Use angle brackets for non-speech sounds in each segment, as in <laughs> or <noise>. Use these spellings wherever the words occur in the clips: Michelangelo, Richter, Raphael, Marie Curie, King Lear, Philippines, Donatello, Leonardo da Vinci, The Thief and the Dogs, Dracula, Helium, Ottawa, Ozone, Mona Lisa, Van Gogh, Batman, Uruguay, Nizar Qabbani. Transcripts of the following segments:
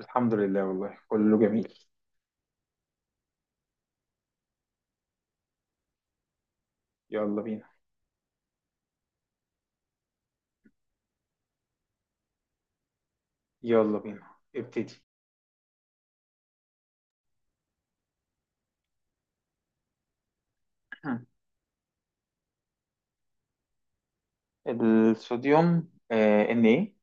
الحمد لله، والله كله جميل. يلا بينا. يلا بينا ابتدي. <clears throat> الصوديوم ان ايه.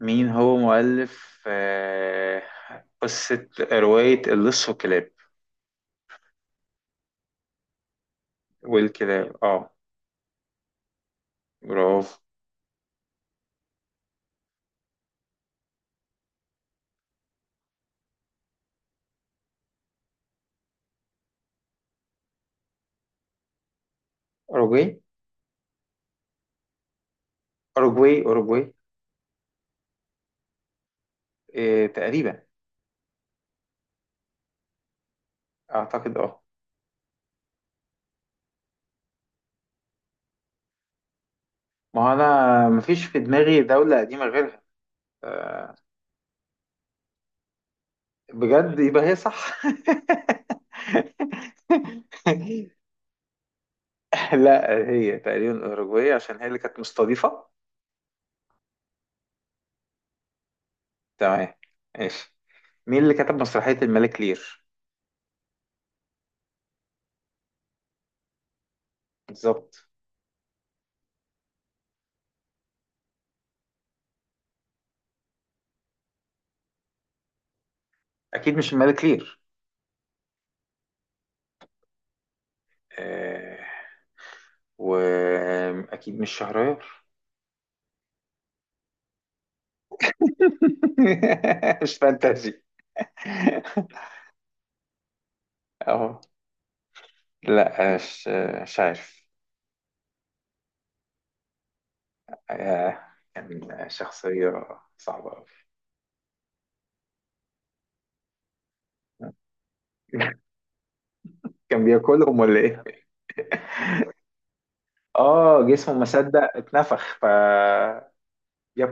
مين هو مؤلف قصة رواية اللص والكلاب اه. برافو. اوروجواي. اوروجواي آه تقريبا. اعتقد اه. ما هو انا مفيش في دماغي دولة قديمة غيرها. آه. بجد يبقى هي صح. <laughs> <laughs> لا، هي تقريبا الأوروجواي عشان هي اللي كانت مستضيفة. تمام. ماشي. مين اللي كتب مسرحية الملك لير؟ بالظبط. أكيد مش الملك لير. آه... وأكيد مش شهريار. <laughs> مش فانتازي. <laughs> أهو. لا مش، مش عارف. كان شخصية صعبة أوي. <laughs> كان بياكلهم ولا إيه؟ <laughs> آه، جسمه ما صدق اتنفخ فجاب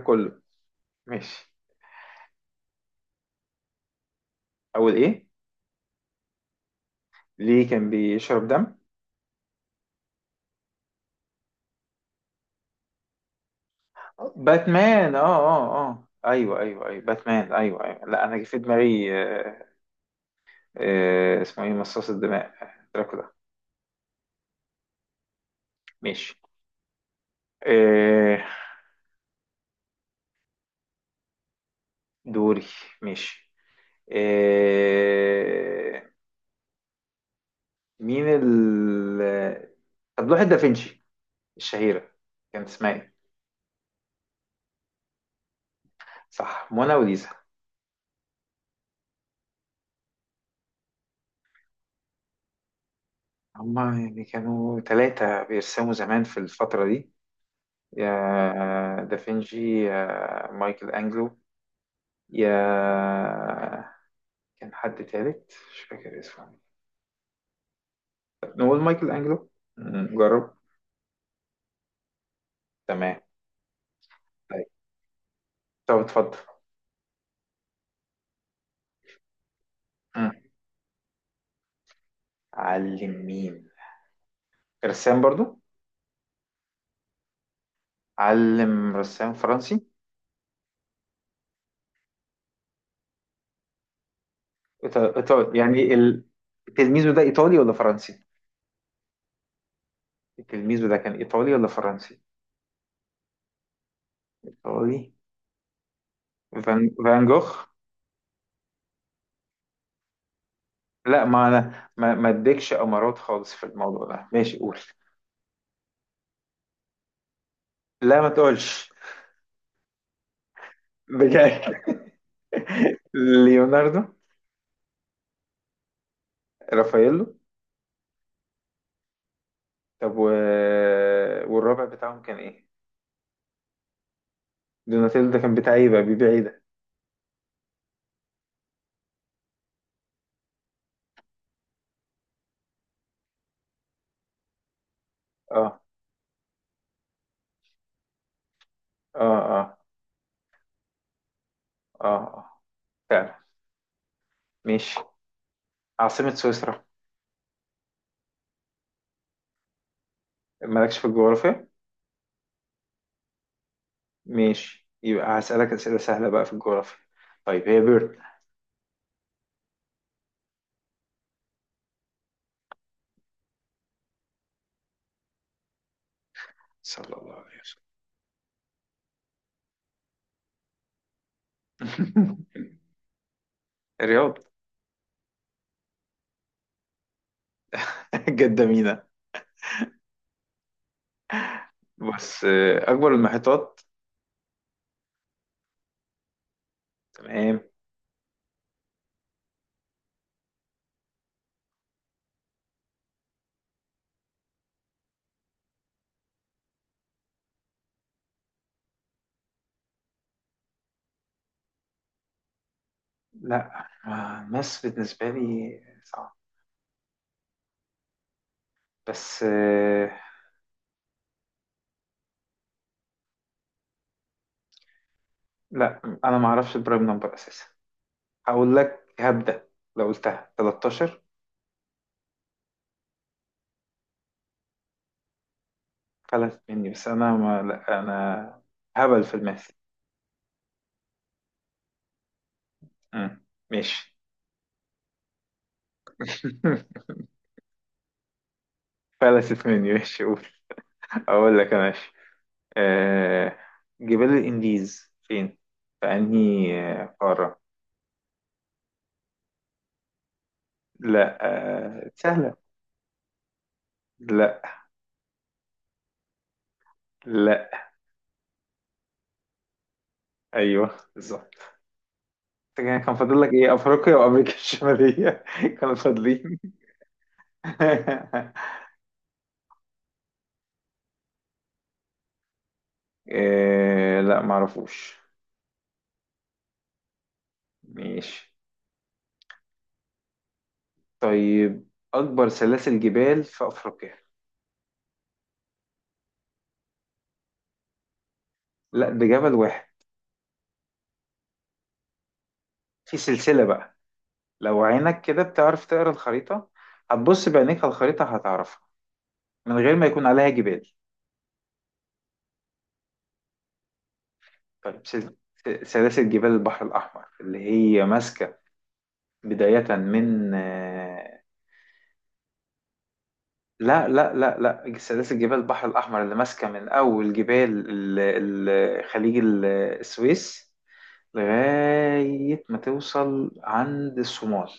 كله. ماشي. أول إيه؟ ليه، كان بيشرب دم؟ باتمان، اه اه اه، ايوه ايوه ايوه، باتمان ايوه ايوه. لا انا جه في دماغي آه، آه، اسمه ايه، مصاص الدماء، دراكولا. ماشي. آه، دوري. ماشي. آه، مين ال طب لوحة دافنشي الشهيرة كانت اسمها ايه؟ صح، مونا وليزا. هما يعني كانوا ثلاثة بيرسموا زمان في الفترة دي: يا دافنشي، يا مايكل أنجلو، يا كان حد تالت مش فاكر اسمه. طب نقول مايكل أنجلو. جرب. تمام. طيب، طب اتفضل. مم. علم مين؟ رسام برضو. علم رسام فرنسي. يعني تلميذه ده إيطالي ولا فرنسي؟ تلميذه ده كان إيطالي ولا فرنسي؟ إيطالي. فان جوخ. لا، ما أنا ما ما أديكش أمارات خالص في الموضوع ده. ماشي، قول. لا ما تقولش، بجد. <laughs> ليوناردو. رافاييلو. طب والرابع بتاعهم كان ايه؟ دوناتيلو ده كان بتاع ايه بقى، بيبيع ايه ده؟ اه اه، اه اه اه، فعلا، ماشي. عاصمة سويسرا. مالكش في الجغرافيا؟ ماشي، يبقى هسألك أسئلة سهلة بقى في الجغرافيا. طيب، هي بيرن. صلى الله عليه وسلم. <laughs> الرياض. <laughs> جدة مينا. بص، أكبر المحيطات. تمام. لا، مصر بالنسبة لي صعب، بس آه، لا أنا ما أعرفش البرايم نمبر أساسا. هقول لك، هبدأ لو قلتها 13. خلت مني بس، انا ما لا انا هبل في الماث. مم. ماشي. <laughs> فلتت مني، ماشي قول. اقول لك انا، ماشي. آه... جبال الانديز فين، في انهي قارة؟ لا. آه... سهلة. لا. لا. ايوه، بالظبط. كان كان فاضل لك ايه، افريقيا وامريكا الشمالية. <laughs> كانوا فاضلين. <laughs> آه... لا معرفوش. ماشي. طيب، أكبر سلاسل جبال في أفريقيا. لا، ده جبل واحد. في سلسلة بقى. لو عينك كده بتعرف تقرا الخريطة، هتبص بعينيك على الخريطة هتعرفها، من غير ما يكون عليها جبال. طيب، سلاسل جبال البحر الأحمر اللي هي ماسكة بداية من لا لا لا لا، سلاسل جبال البحر الأحمر اللي ماسكة من أول جبال خليج السويس لغاية ما توصل عند الصومال.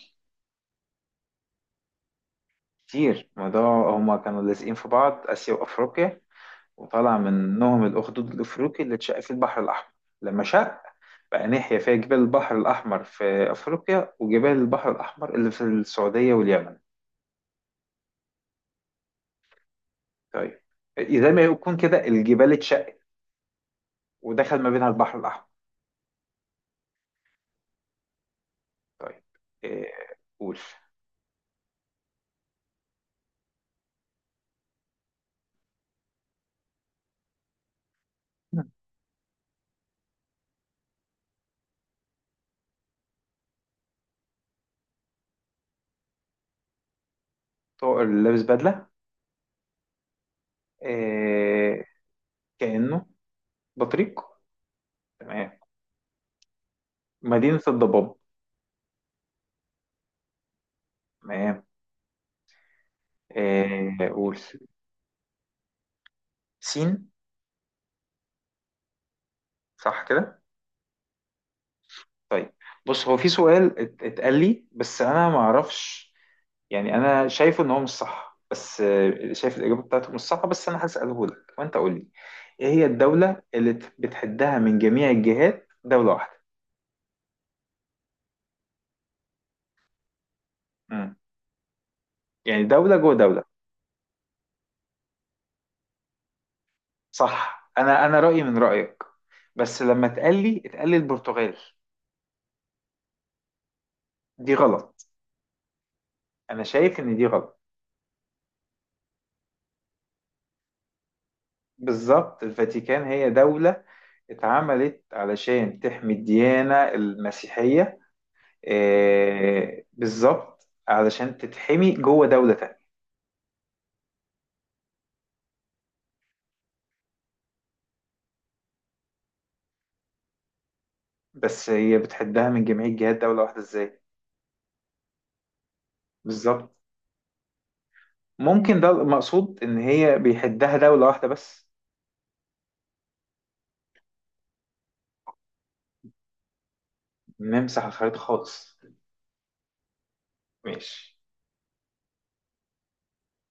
كتير الموضوع، هما كانوا لازقين في بعض، آسيا وأفريقيا، وطلع منهم الأخدود الأفريقي اللي اتشق في البحر الأحمر. لما شق بقى ناحية، فيها جبال البحر الأحمر في أفريقيا، وجبال البحر الأحمر اللي في السعودية واليمن. طيب. إيه، زي ما يكون كده الجبال اتشقت ودخل ما بينها البحر الأحمر. طيب. إيه، قول. طائر اللي لابس بدلة؟ إيه، كأنه، بطريق. تمام. مدينة الضباب. تمام. إيه، قول. سين. صح كده. طيب، بص، هو في سؤال اتقال لي بس انا ما اعرفش، يعني انا شايفه ان هو مش صح، بس آه، شايف الاجابه بتاعته مش صح، بس انا هساله لك وانت قول لي. ايه هي الدوله اللي بتحدها من جميع الجهات دوله واحده؟ امم، يعني دوله جوه دوله. صح، انا انا رايي من رايك، بس لما اتقال لي، اتقال لي البرتغال. دي غلط، انا شايف ان دي غلط. بالظبط، الفاتيكان هي دوله اتعملت علشان تحمي الديانه المسيحيه، آه، بالظبط علشان تتحمي جوه دولة تانية. بس هي بتحدها من جميع جهات دولة واحدة ازاي؟ بالظبط، ممكن ده المقصود ان هي بيحدها دولة واحدة بس. نمسح الخريطة خالص. ماشي.